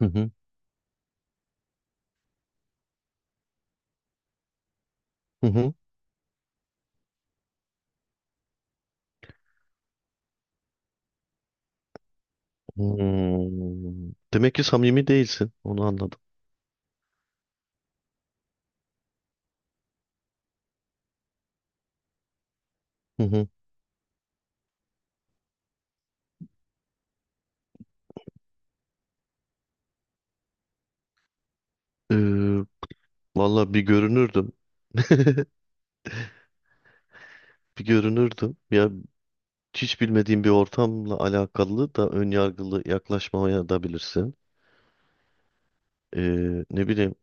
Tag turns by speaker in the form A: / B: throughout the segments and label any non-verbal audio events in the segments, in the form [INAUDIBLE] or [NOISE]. A: Hı hı. Hı hı. Hmm. Demek ki samimi değilsin. Onu anladım. Hı hı. Ee, Valla bir görünürdüm. Bir görünürdüm. Ya hiç bilmediğim bir ortamla alakalı da ön yargılı yaklaşmaya da bilirsin. Ne bileyim.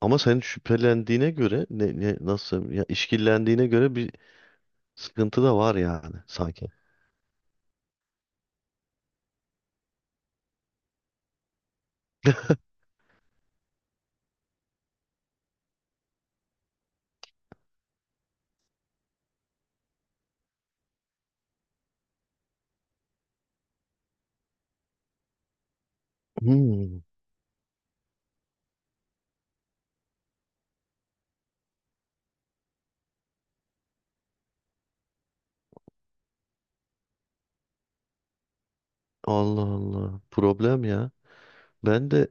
A: Ama senin şüphelendiğine göre ne nasıl ya işkillendiğine göre bir sıkıntı da var yani sanki. Hmm. Allah Allah. Problem ya. Ben de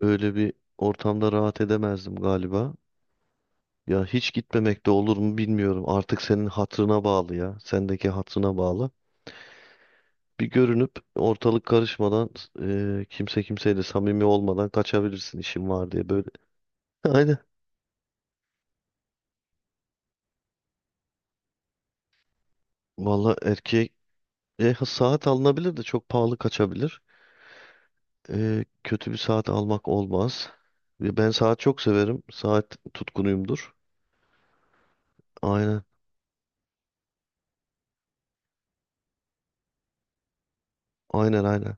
A: öyle bir ortamda rahat edemezdim galiba. Ya hiç gitmemek de olur mu bilmiyorum. Artık senin hatırına bağlı ya. Sendeki hatırına bağlı. Bir görünüp ortalık karışmadan kimse kimseyle samimi olmadan kaçabilirsin işin var diye böyle. [LAUGHS] Aynen. Valla erkeğe saat alınabilir de çok pahalı kaçabilir. E, kötü bir saat almak olmaz. Ve ben saat çok severim. Saat tutkunuyumdur. Aynen. Aynen aynen.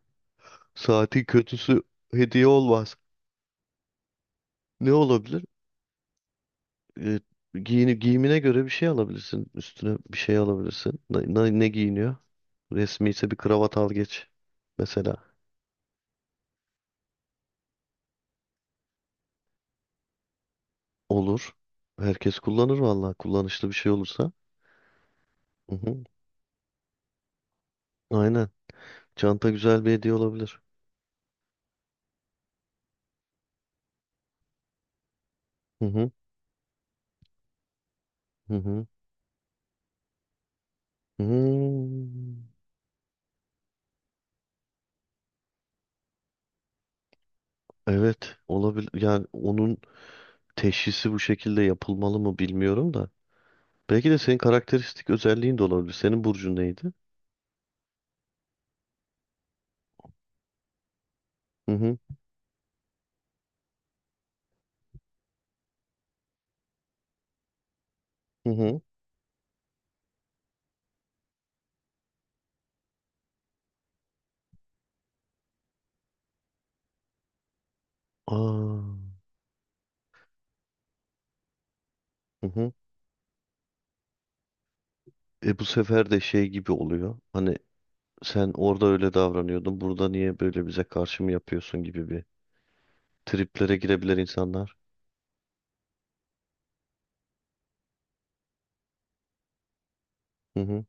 A: Saatin kötüsü hediye olmaz. Ne olabilir? e, Giyimine göre bir şey alabilirsin. Üstüne bir şey alabilirsin. Ne giyiniyor? Resmi ise bir kravat al geç. Mesela. Olur. Herkes kullanır vallahi. Kullanışlı bir şey olursa. Hı hı. Aynen. Çanta güzel bir hediye olabilir. Hı hı. Hı hı. Hmm. Evet. Olabilir. Yani onun teşhisi bu şekilde yapılmalı mı bilmiyorum da. Belki de senin karakteristik özelliğin de olabilir. Senin burcun neydi? Hı hı. Hı hı. Aa. Hı hı. E bu sefer de şey gibi oluyor. Hani sen orada öyle davranıyordun. Burada niye böyle bize karşı mı yapıyorsun gibi bir triplere girebilir insanlar. Hı hı.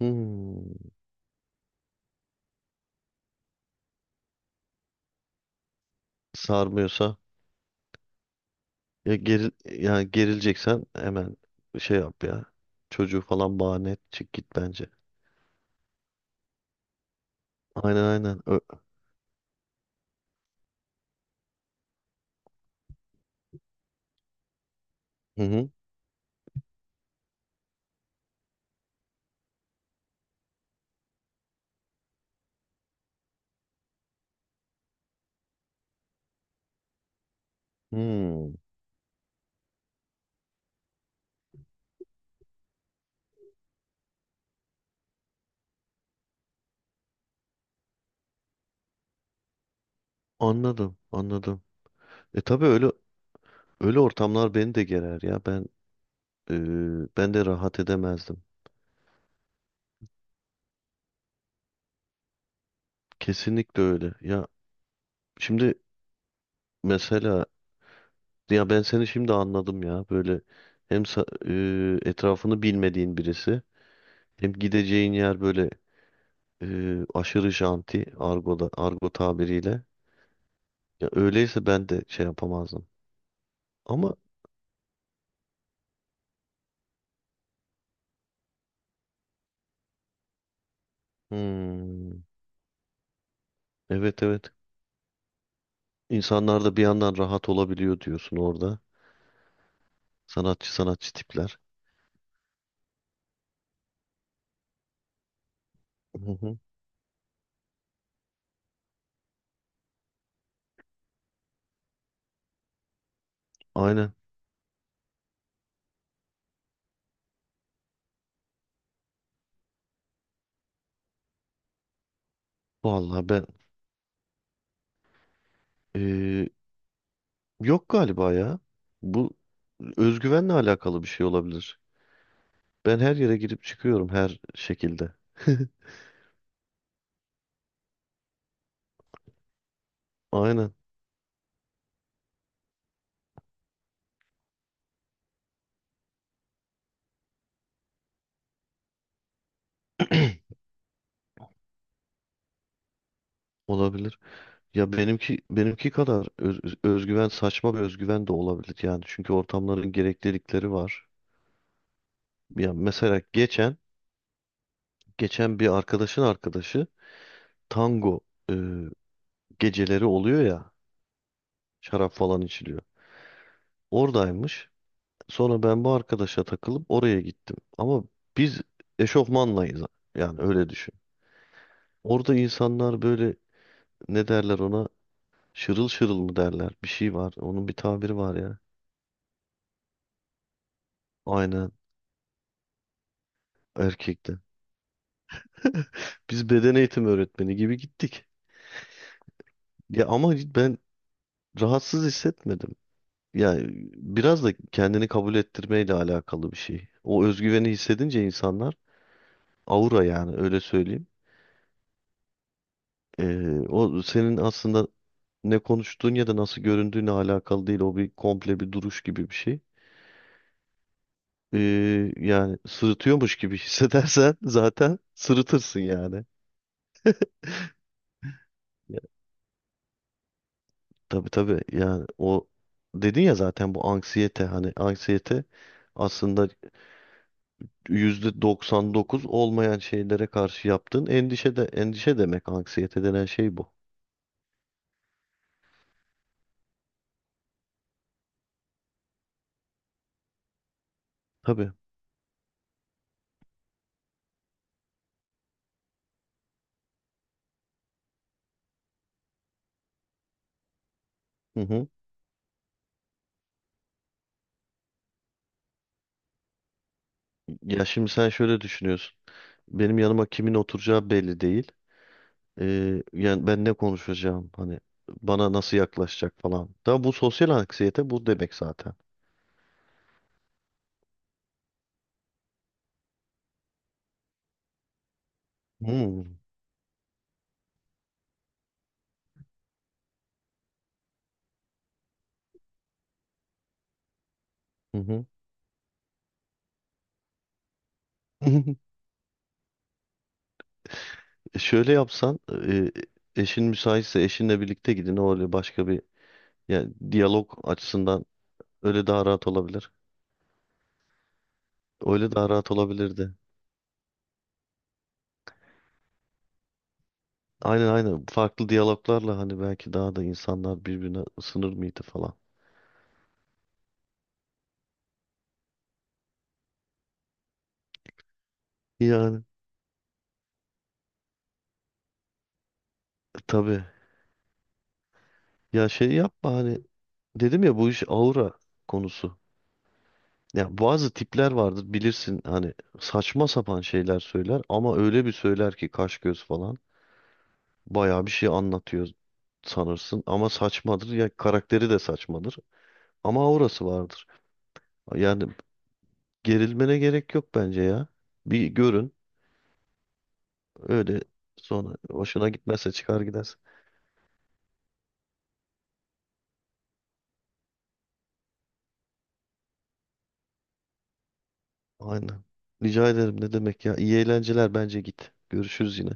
A: Hmm. Sarmıyorsa ya geril yani gerileceksen hemen şey yap ya. Çocuğu falan bahane et, çık git bence. Aynen aynen. Hı hı. Hmm. Anladım, anladım. E tabii öyle öyle ortamlar beni de gerer ya. Ben e, ben de rahat edemezdim. Kesinlikle öyle. Ya şimdi mesela ya ben seni şimdi anladım ya. Böyle hem sa- etrafını bilmediğin birisi, hem gideceğin yer böyle aşırı janti, argoda argo tabiriyle. Ya öyleyse ben de şey yapamazdım. Ama hmm, evet evet. İnsanlar da bir yandan rahat olabiliyor diyorsun orada. Sanatçı sanatçı tipler. Hı hı. Aynen. Vallahi e, yok galiba ya. Bu özgüvenle alakalı bir şey olabilir. Ben her yere girip çıkıyorum her şekilde. [LAUGHS] Aynen, olabilir. Ya benimki kadar özgüven, saçma bir özgüven de olabilir yani. Çünkü ortamların gereklilikleri var. Ya mesela geçen bir arkadaşın arkadaşı tango e, geceleri oluyor ya. Şarap falan içiliyor. Oradaymış. Sonra ben bu arkadaşa takılıp oraya gittim. Ama biz eşofmanlayız. Yani öyle düşün. Orada insanlar böyle, ne derler ona? Şırıl şırıl mı derler? Bir şey var. Onun bir tabiri var ya. Aynen, erkekte. [LAUGHS] Biz beden eğitimi öğretmeni gibi gittik. Ya ama ben rahatsız hissetmedim. Yani biraz da kendini kabul ettirmeyle alakalı bir şey. O özgüveni hissedince insanlar, aura yani öyle söyleyeyim. O senin aslında ne konuştuğun ya da nasıl göründüğüne alakalı değil. O bir komple bir duruş gibi bir şey. Yani sırıtıyormuş gibi [LAUGHS] hissedersen zaten sırıtırsın yani. Tabii tabii, yani o dedin ya zaten, bu anksiyete, hani anksiyete aslında %99 olmayan şeylere karşı yaptığın endişe, de endişe demek anksiyete denen şey bu. Tabii. Hı hı. Ya şimdi sen şöyle düşünüyorsun. Benim yanıma kimin oturacağı belli değil. Yani ben ne konuşacağım, hani bana nasıl yaklaşacak falan. Da bu sosyal anksiyete bu demek zaten. Hmm. Hı hı. [LAUGHS] Şöyle yapsan, e, eşin müsaitse eşinle birlikte gidin. O öyle başka bir, yani diyalog açısından öyle daha rahat olabilir. Öyle daha rahat olabilirdi. Aynen aynen, farklı diyaloglarla, hani belki daha da insanlar birbirine ısınır mıydı falan. Yani tabii, ya şey yapma, hani dedim ya bu iş aura konusu. Ya bazı tipler vardır bilirsin, hani saçma sapan şeyler söyler ama öyle bir söyler ki, kaş göz falan. Bayağı bir şey anlatıyor sanırsın ama saçmadır. Ya karakteri de saçmadır ama aurası vardır. Yani gerilmene gerek yok bence ya. Bir görün öyle, sonra hoşuna gitmezse çıkar gidersin. Aynen. Rica ederim, ne demek ya. İyi eğlenceler, bence git. Görüşürüz yine.